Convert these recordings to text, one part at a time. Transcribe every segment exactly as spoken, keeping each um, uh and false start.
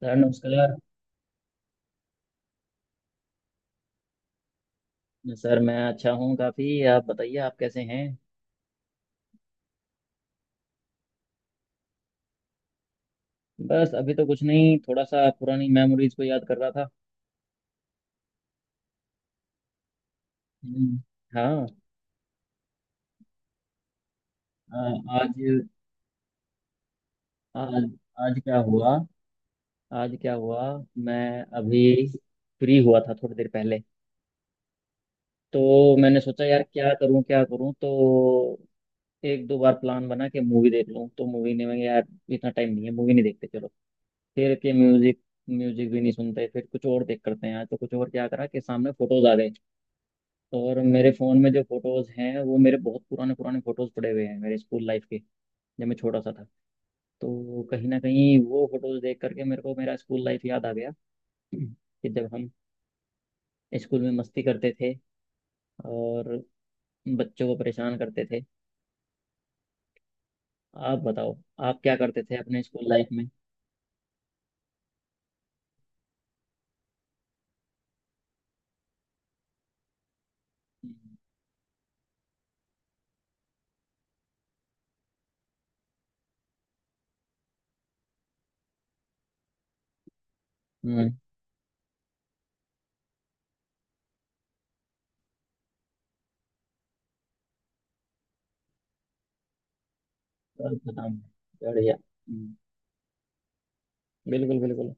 Sir नमस्कार। Sir, मैं अच्छा हूँ काफ़ी। आप बताइए, आप कैसे हैं? बस अभी तो कुछ नहीं, थोड़ा सा पुरानी मेमोरीज को याद कर रहा था। हम्म, हाँ। आ, आज आज आज क्या हुआ? आज क्या हुआ? मैं अभी फ्री हुआ था थोड़ी देर पहले। तो मैंने सोचा, यार क्या करूँ, क्या करूँ। तो एक दो बार प्लान बना के मूवी देख लूँ, तो मूवी ने मैं, यार इतना टाइम नहीं है, मूवी नहीं देखते, चलो। फिर के म्यूजिक। म्यूजिक भी नहीं सुनते। फिर कुछ और देख करते हैं, आज तो कुछ और क्या करा कि सामने फोटोज आ गए। और मेरे फ़ोन में जो फ़ोटोज़ हैं वो मेरे बहुत पुराने पुराने फ़ोटोज़ पड़े हुए हैं मेरे स्कूल लाइफ के। जब मैं छोटा सा था, तो कहीं ना कहीं वो फ़ोटोज़ देख करके मेरे को मेरा स्कूल लाइफ याद आ गया कि जब हम स्कूल में मस्ती करते थे और बच्चों को परेशान करते थे। आप बताओ, आप क्या करते थे अपने स्कूल लाइफ में? हम्म। बस बताओ। बढ़िया। हम्म, बिल्कुल बिल्कुल।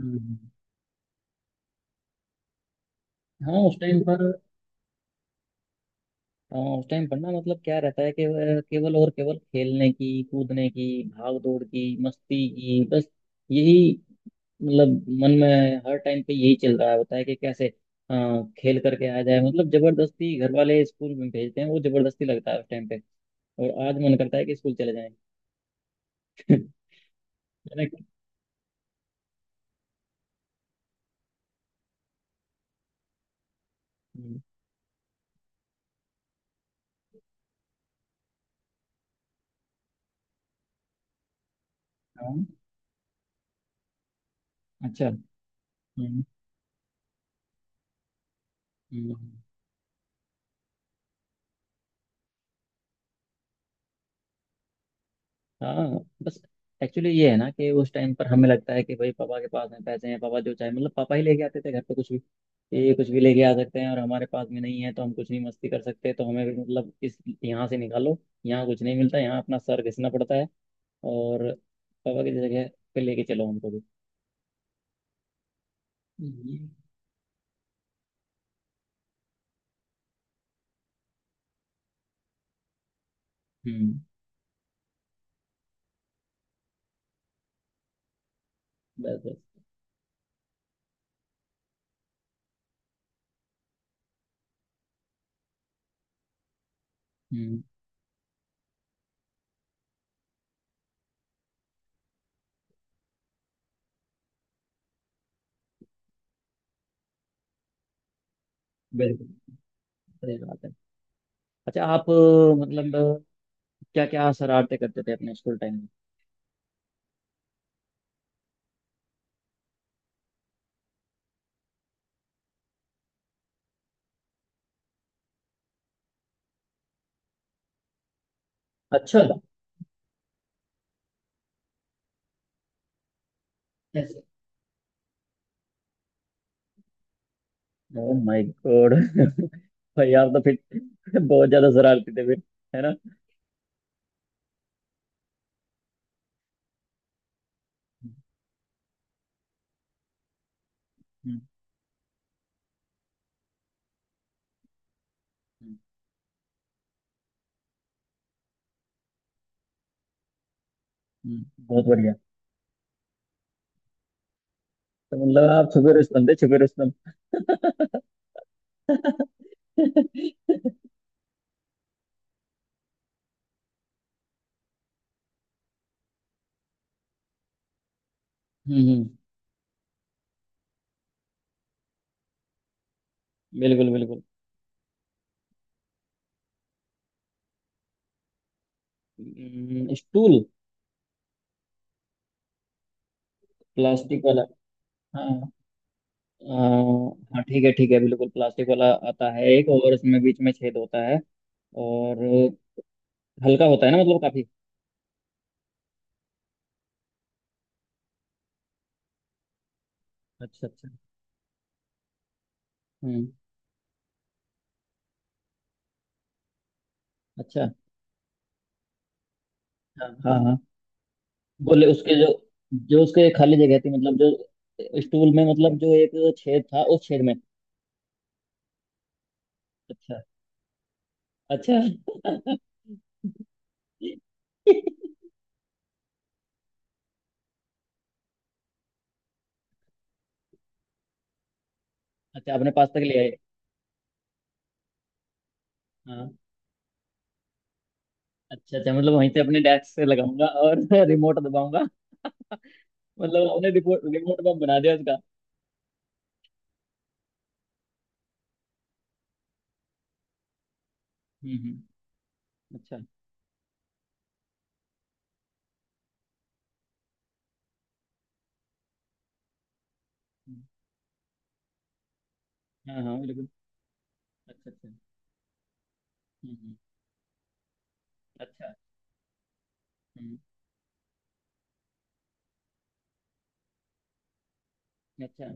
हम्म, हाँ उस टाइम पर हाँ उस टाइम पर ना, मतलब क्या रहता है कि वह केवल और केवल खेलने की, कूदने की, भाग दौड़ की, मस्ती की, बस यही। मतलब मन में हर टाइम पे यही चल रहा होता है कि कैसे अ, खेल करके आ जाए। मतलब जबरदस्ती घर वाले स्कूल में भेजते हैं, वो जबरदस्ती लगता है उस टाइम पे। और आज मन करता है कि स्कूल चले जाएं। है ना? हम्म, हाँ। अच्छा। हम्म। हम्म। हाँ बस, एक्चुअली ये है ना कि उस टाइम पर हमें लगता है कि भाई पापा के पास में पैसे हैं, पापा जो चाहे, मतलब पापा ही लेके आते थे घर पे कुछ भी, कि ये कुछ भी लेके आ सकते हैं और हमारे पास में नहीं है, तो हम कुछ नहीं मस्ती कर सकते, तो हमें भी मतलब इस, यहाँ से निकालो, यहाँ कुछ नहीं मिलता, यहाँ अपना सर घिसना पड़ता है, और पापा की जगह पे लेके चलो हमको भी। हम्म। हम्म, बस बस। हम्म, बिल्कुल। सही बात है। अच्छा, आप मतलब क्या क्या शरारते करते थे अपने स्कूल टाइम में? अच्छा। कैसे? Oh my God! भाई यार, तो फिर बहुत ज्यादा शरारती थे फिर, है ना? हम्म। हम्म। हम्म, बहुत बढ़िया। तो मतलब आप छुपे रुस्तम थे, छुपे रुस्तम। हम्म, हम्म, बिल्कुल बिल्कुल। हम्म, स्टूल। प्लास्टिक वाला, हाँ। अ, हाँ ठीक है, ठीक है, बिल्कुल प्लास्टिक वाला आता है एक, और इसमें बीच में छेद होता है। और हल्का होता है ना, मतलब काफी। अच्छा, अच्छा। हम्म। अच्छा। हाँ, हाँ। बोले, उसके जो, जो उसके खाली जगह थी, मतलब जो स्टूल में, मतलब जो एक छेद था, उस छेद में। अच्छा। अच्छा। अच्छा, आपने पास तक ले आए? हाँ। अच्छा, अच्छा, मतलब वहीं से अपने डेस्क से लगाऊंगा और रिमोट दबाऊंगा। मतलब आपने रिमोट रिमोट बम बना दिया उसका। हम्म। हम्म, अच्छा। हम्म, हाँ, हाँ, बिल्कुल। अच्छा, अच्छा। हम्म। हम्म, अच्छा। हम्म, अच्छा।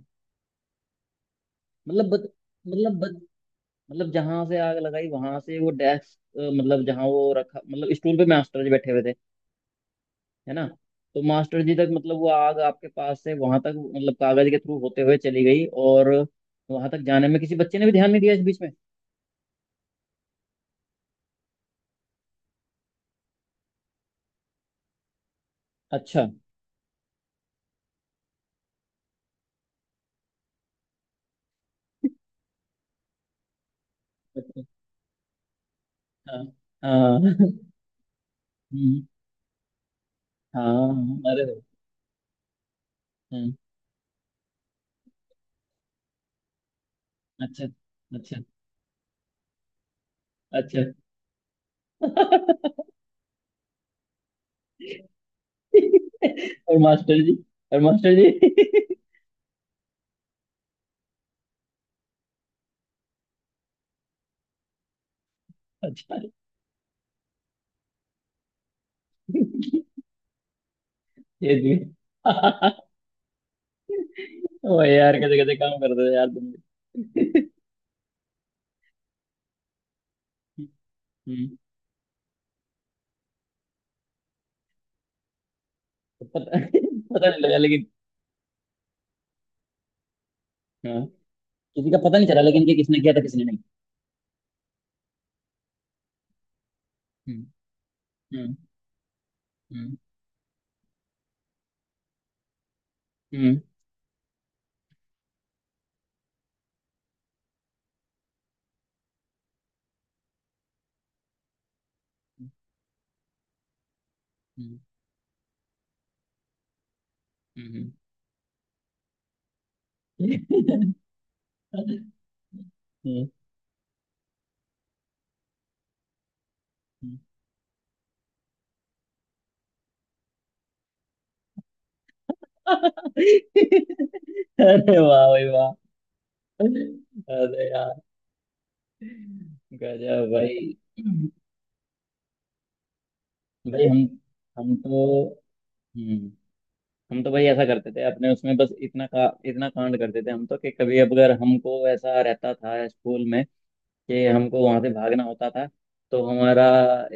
मतलब बत, मतलब बत, मतलब जहां से आग लगाई वहां से वो डेस्क, मतलब जहां वो रखा, मतलब स्टूल पे मास्टर जी बैठे हुए थे, है ना? तो मास्टर जी तक मतलब वो आग आपके पास से वहां तक मतलब कागज के थ्रू होते हुए चली गई, और वहां तक जाने में किसी बच्चे ने भी ध्यान नहीं दिया इस बीच में। अच्छा। अच्छा। हाँ, हाँ। हम्म, हाँ, अरे। हम्म, अच्छा, अच्छा, अच्छा। और मास्टर जी, और मास्टर जी। अच्छा। ये जी! ओ यार, कैसे कैसे काम कर रहे हो यार तुम भी। हम्म। पता पता नहीं लगा लेकिन। हाँ, किसी का पता नहीं चला लेकिन कि किसने किया था किसने नहीं। हम्म। हम्म। हम्म। हम्म। हम्म। हम्म, हम्म, हम्म, हम्म। अरे वाह भाई वाह। अरे यार, गजब भाई। भाई हम हम तो, हम्म, हम तो भाई ऐसा करते थे अपने उसमें, बस इतना का इतना कांड करते थे हम तो, कि कभी अगर हमको ऐसा रहता था स्कूल में कि हमको वहां से भागना होता था, तो हमारा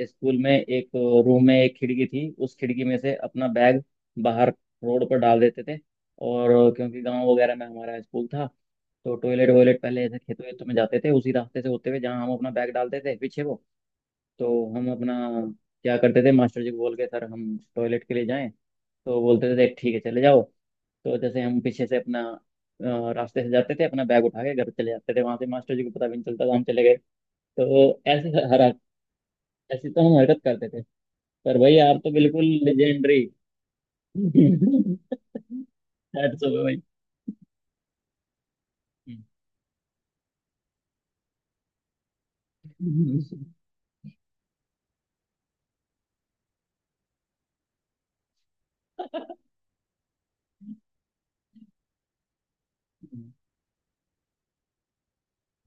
स्कूल में एक रूम में एक खिड़की थी, उस खिड़की में से अपना बैग बाहर रोड पर डाल देते थे। और क्योंकि गांव वगैरह में हमारा स्कूल था, तो टॉयलेट वॉयलेट पहले ऐसे खेतों वेतों में जाते थे उसी रास्ते से होते हुए, जहाँ हम अपना बैग डालते थे पीछे वो। तो हम अपना क्या करते थे, मास्टर जी को बोल के, सर हम टॉयलेट के लिए जाएं, तो बोलते थे देख ठीक है चले जाओ। तो जैसे हम पीछे से अपना अ, रास्ते से जाते थे, अपना बैग उठा के घर चले जाते थे वहां से, मास्टर जी को पता भी नहीं चलता था हम चले गए। तो ऐसे हर ऐसी तो हम हरकत करते थे। पर भाई, आप तो बिल्कुल लेजेंडरी। हैट्स ऑफ भाई।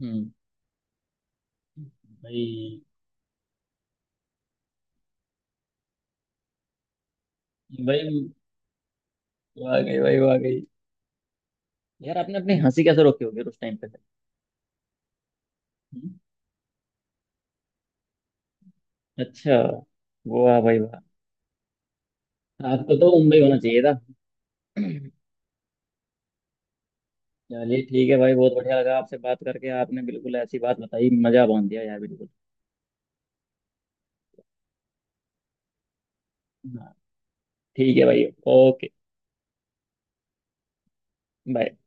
हम्म। भाई, भाई, वाह गई भाई, वाह गई यार। आपने अपनी हंसी कैसे रोकी होगी उस टाइम पे? हम्म, अच्छा। वाह भाई वाह। आपको तो मुंबई होना चाहिए था। चलिए ठीक है भाई, बहुत बढ़िया लगा आपसे बात करके। आपने बिल्कुल ऐसी बात बताई, मजा बांध दिया यार, बिल्कुल। हाँ, ठीक है भाई। Okay, bye.